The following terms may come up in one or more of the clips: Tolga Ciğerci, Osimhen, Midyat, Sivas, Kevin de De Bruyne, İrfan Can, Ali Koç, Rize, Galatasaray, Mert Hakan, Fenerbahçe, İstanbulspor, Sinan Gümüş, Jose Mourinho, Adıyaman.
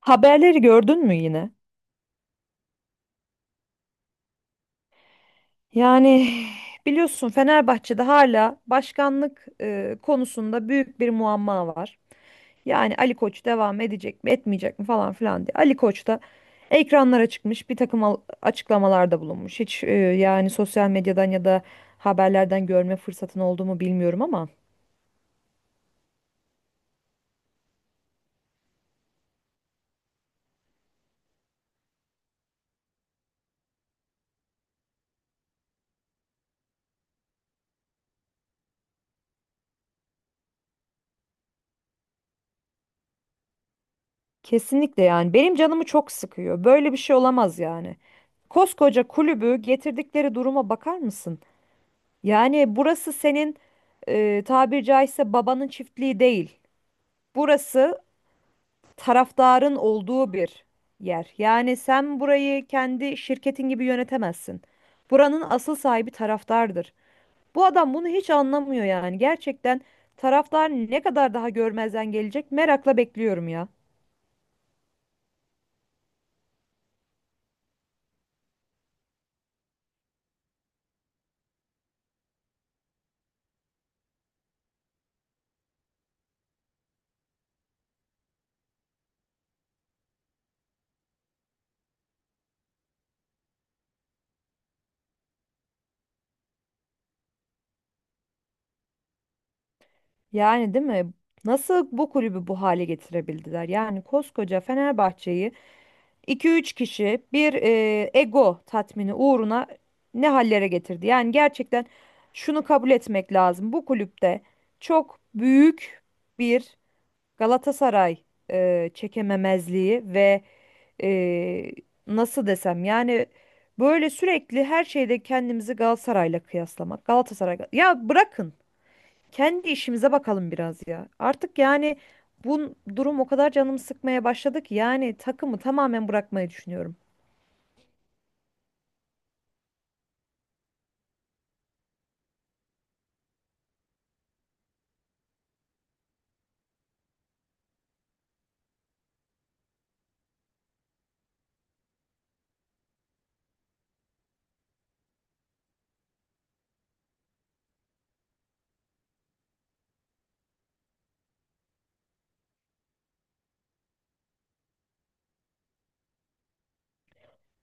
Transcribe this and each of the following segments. Haberleri gördün mü yine? Yani biliyorsun Fenerbahçe'de hala başkanlık konusunda büyük bir muamma var. Yani Ali Koç devam edecek mi, etmeyecek mi falan filan diye. Ali Koç da ekranlara çıkmış, bir takım açıklamalarda bulunmuş. Hiç yani sosyal medyadan ya da haberlerden görme fırsatın oldu mu bilmiyorum ama kesinlikle yani benim canımı çok sıkıyor. Böyle bir şey olamaz yani. Koskoca kulübü getirdikleri duruma bakar mısın? Yani burası senin tabiri caizse babanın çiftliği değil. Burası taraftarın olduğu bir yer. Yani sen burayı kendi şirketin gibi yönetemezsin. Buranın asıl sahibi taraftardır. Bu adam bunu hiç anlamıyor yani. Gerçekten taraftar ne kadar daha görmezden gelecek merakla bekliyorum ya. Yani değil mi? Nasıl bu kulübü bu hale getirebildiler? Yani koskoca Fenerbahçe'yi 2 üç kişi bir ego tatmini uğruna ne hallere getirdi. Yani gerçekten şunu kabul etmek lazım. Bu kulüpte çok büyük bir Galatasaray çekememezliği ve e, nasıl desem yani böyle sürekli her şeyde kendimizi Galatasaray'la kıyaslamak. Galatasaray ya bırakın kendi işimize bakalım biraz ya. Artık yani bu durum o kadar canımı sıkmaya başladı ki yani takımı tamamen bırakmayı düşünüyorum.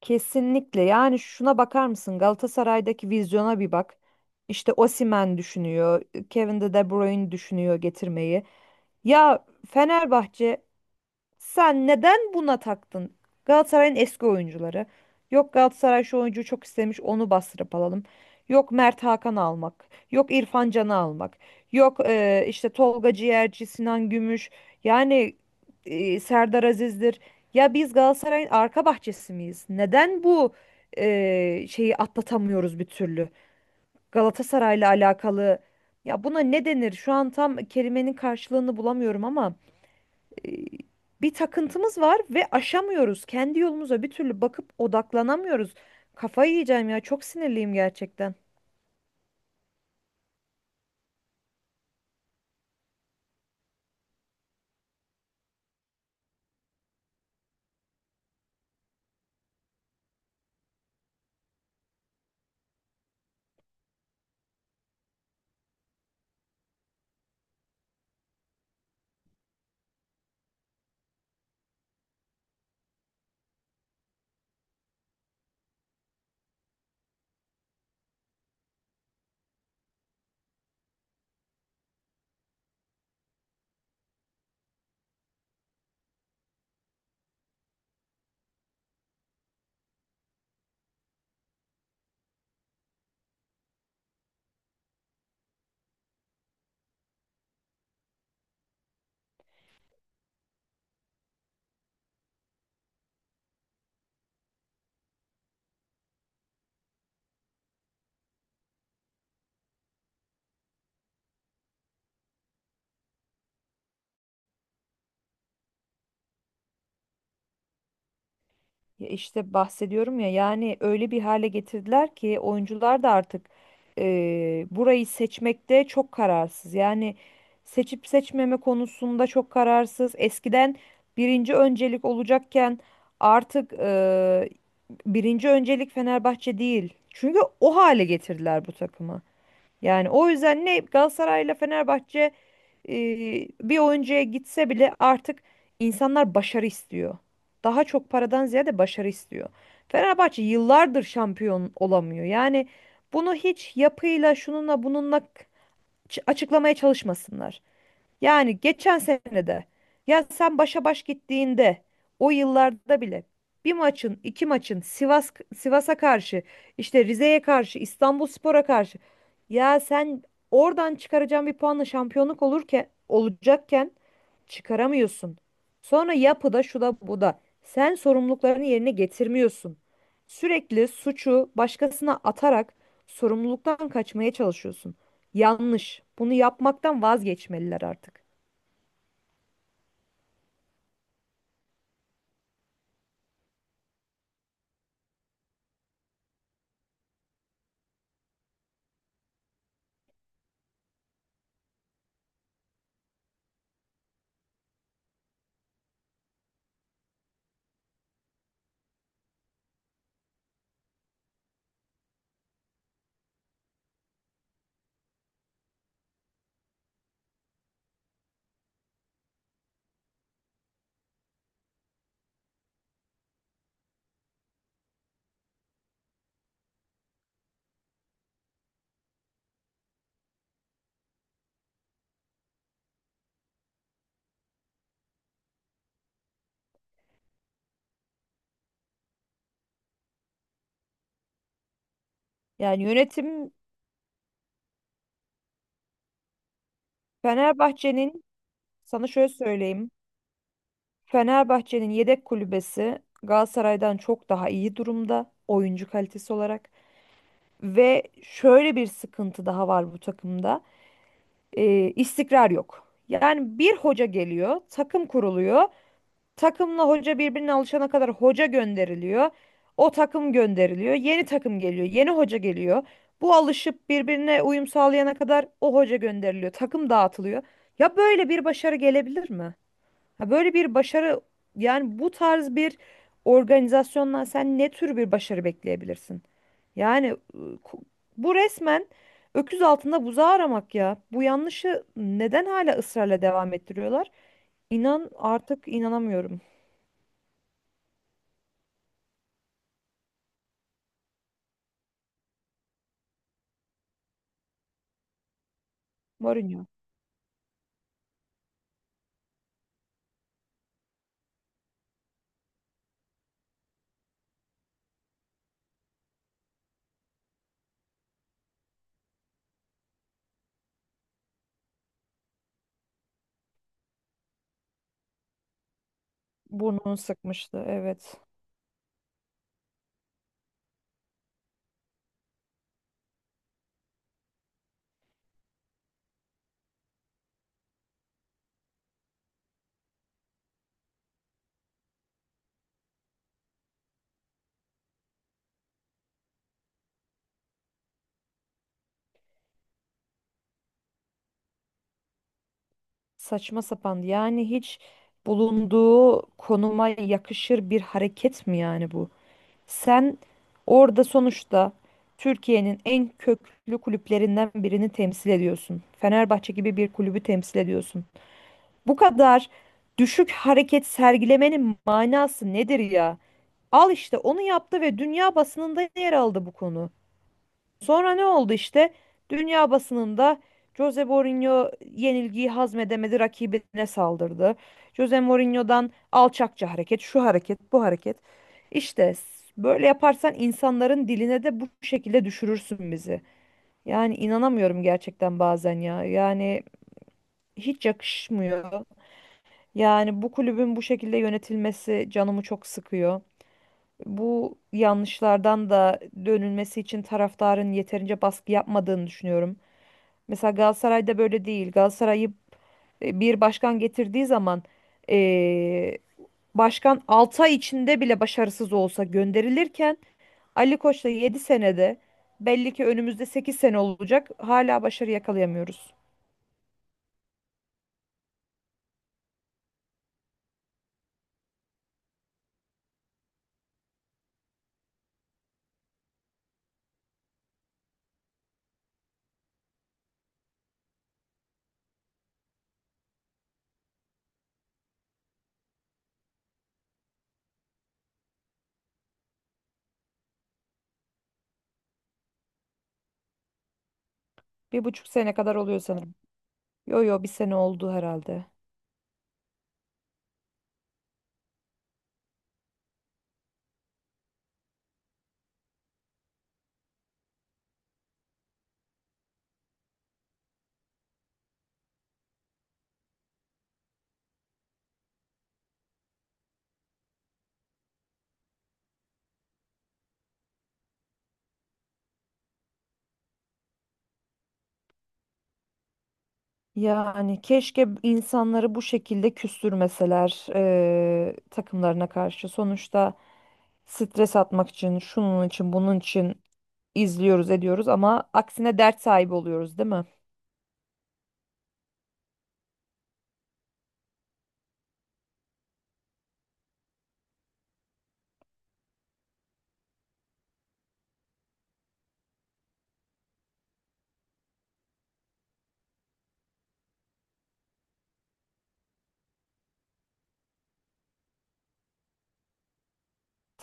Kesinlikle. Yani şuna bakar mısın? Galatasaray'daki vizyona bir bak. İşte Osimhen düşünüyor, Kevin de De Bruyne düşünüyor getirmeyi. Ya Fenerbahçe sen neden buna taktın? Galatasaray'ın eski oyuncuları. Yok Galatasaray şu oyuncuyu çok istemiş onu bastırıp alalım. Yok Mert Hakan almak. Yok İrfan Can'ı almak. Yok işte Tolga Ciğerci, Sinan Gümüş. Yani Serdar Aziz'dir. Ya biz Galatasaray'ın arka bahçesi miyiz? Neden bu şeyi atlatamıyoruz bir türlü? Galatasaray'la alakalı. Ya buna ne denir? Şu an tam kelimenin karşılığını bulamıyorum ama e, bir takıntımız var ve aşamıyoruz. Kendi yolumuza bir türlü bakıp odaklanamıyoruz. Kafayı yiyeceğim ya çok sinirliyim gerçekten. Ya işte bahsediyorum ya yani öyle bir hale getirdiler ki oyuncular da artık burayı seçmekte çok kararsız. Yani seçip seçmeme konusunda çok kararsız. Eskiden birinci öncelik olacakken artık birinci öncelik Fenerbahçe değil. Çünkü o hale getirdiler bu takımı. Yani o yüzden ne Galatasaray'la Fenerbahçe e, bir oyuncuya gitse bile artık insanlar başarı istiyor. Daha çok paradan ziyade başarı istiyor. Fenerbahçe yıllardır şampiyon olamıyor. Yani bunu hiç yapıyla şununla bununla açıklamaya çalışmasınlar. Yani geçen senede ya sen başa baş gittiğinde o yıllarda bile bir maçın, iki maçın Sivas 'a karşı, işte Rize'ye karşı, İstanbulspor'a karşı ya sen oradan çıkaracağın bir puanla şampiyonluk olurken olacakken çıkaramıyorsun. Sonra yapıda şu da bu da. Sen sorumluluklarını yerine getirmiyorsun. Sürekli suçu başkasına atarak sorumluluktan kaçmaya çalışıyorsun. Yanlış. Bunu yapmaktan vazgeçmeliler artık. Yani yönetim Fenerbahçe'nin Sana şöyle söyleyeyim. Fenerbahçe'nin yedek kulübesi Galatasaray'dan çok daha iyi durumda oyuncu kalitesi olarak ve şöyle bir sıkıntı daha var bu takımda. İstikrar yok. Yani bir hoca geliyor, takım kuruluyor. Takımla hoca birbirine alışana kadar hoca gönderiliyor. O takım gönderiliyor. Yeni takım geliyor. Yeni hoca geliyor. Bu alışıp birbirine uyum sağlayana kadar o hoca gönderiliyor. Takım dağıtılıyor. Ya böyle bir başarı gelebilir mi? Ha böyle bir başarı yani bu tarz bir organizasyondan sen ne tür bir başarı bekleyebilirsin? Yani bu resmen öküz altında buzağı aramak ya. Bu yanlışı neden hala ısrarla devam ettiriyorlar? İnan artık inanamıyorum. Mourinho. Burnunu sıkmıştı, evet. Saçma sapan yani hiç bulunduğu konuma yakışır bir hareket mi yani bu? Sen orada sonuçta Türkiye'nin en köklü kulüplerinden birini temsil ediyorsun. Fenerbahçe gibi bir kulübü temsil ediyorsun. Bu kadar düşük hareket sergilemenin manası nedir ya? Al işte onu yaptı ve dünya basınında yer aldı bu konu. Sonra ne oldu işte? Dünya basınında Jose Mourinho yenilgiyi hazmedemedi, rakibine saldırdı. Jose Mourinho'dan alçakça hareket, şu hareket, bu hareket. İşte s- Böyle yaparsan insanların diline de bu şekilde düşürürsün bizi. Yani inanamıyorum gerçekten bazen ya. Yani hiç yakışmıyor. Yani bu kulübün bu şekilde yönetilmesi canımı çok sıkıyor. Bu yanlışlardan da dönülmesi için taraftarın yeterince baskı yapmadığını düşünüyorum. Mesela Galatasaray'da böyle değil. Galatasaray'ı bir başkan getirdiği zaman e, başkan 6 ay içinde bile başarısız olsa gönderilirken Ali Koç'la 7 senede belli ki önümüzde 8 sene olacak hala başarı yakalayamıyoruz. Bir buçuk sene kadar oluyor sanırım. Yo, yo, bir sene oldu herhalde. Yani keşke insanları bu şekilde küstürmeseler takımlarına karşı. Sonuçta stres atmak için, şunun için, bunun için izliyoruz, ediyoruz ama aksine dert sahibi oluyoruz, değil mi?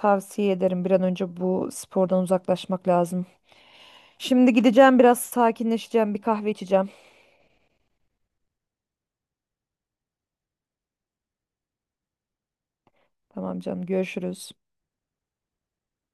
Tavsiye ederim bir an önce bu spordan uzaklaşmak lazım. Şimdi gideceğim biraz sakinleşeceğim, bir kahve içeceğim. Tamam canım, görüşürüz.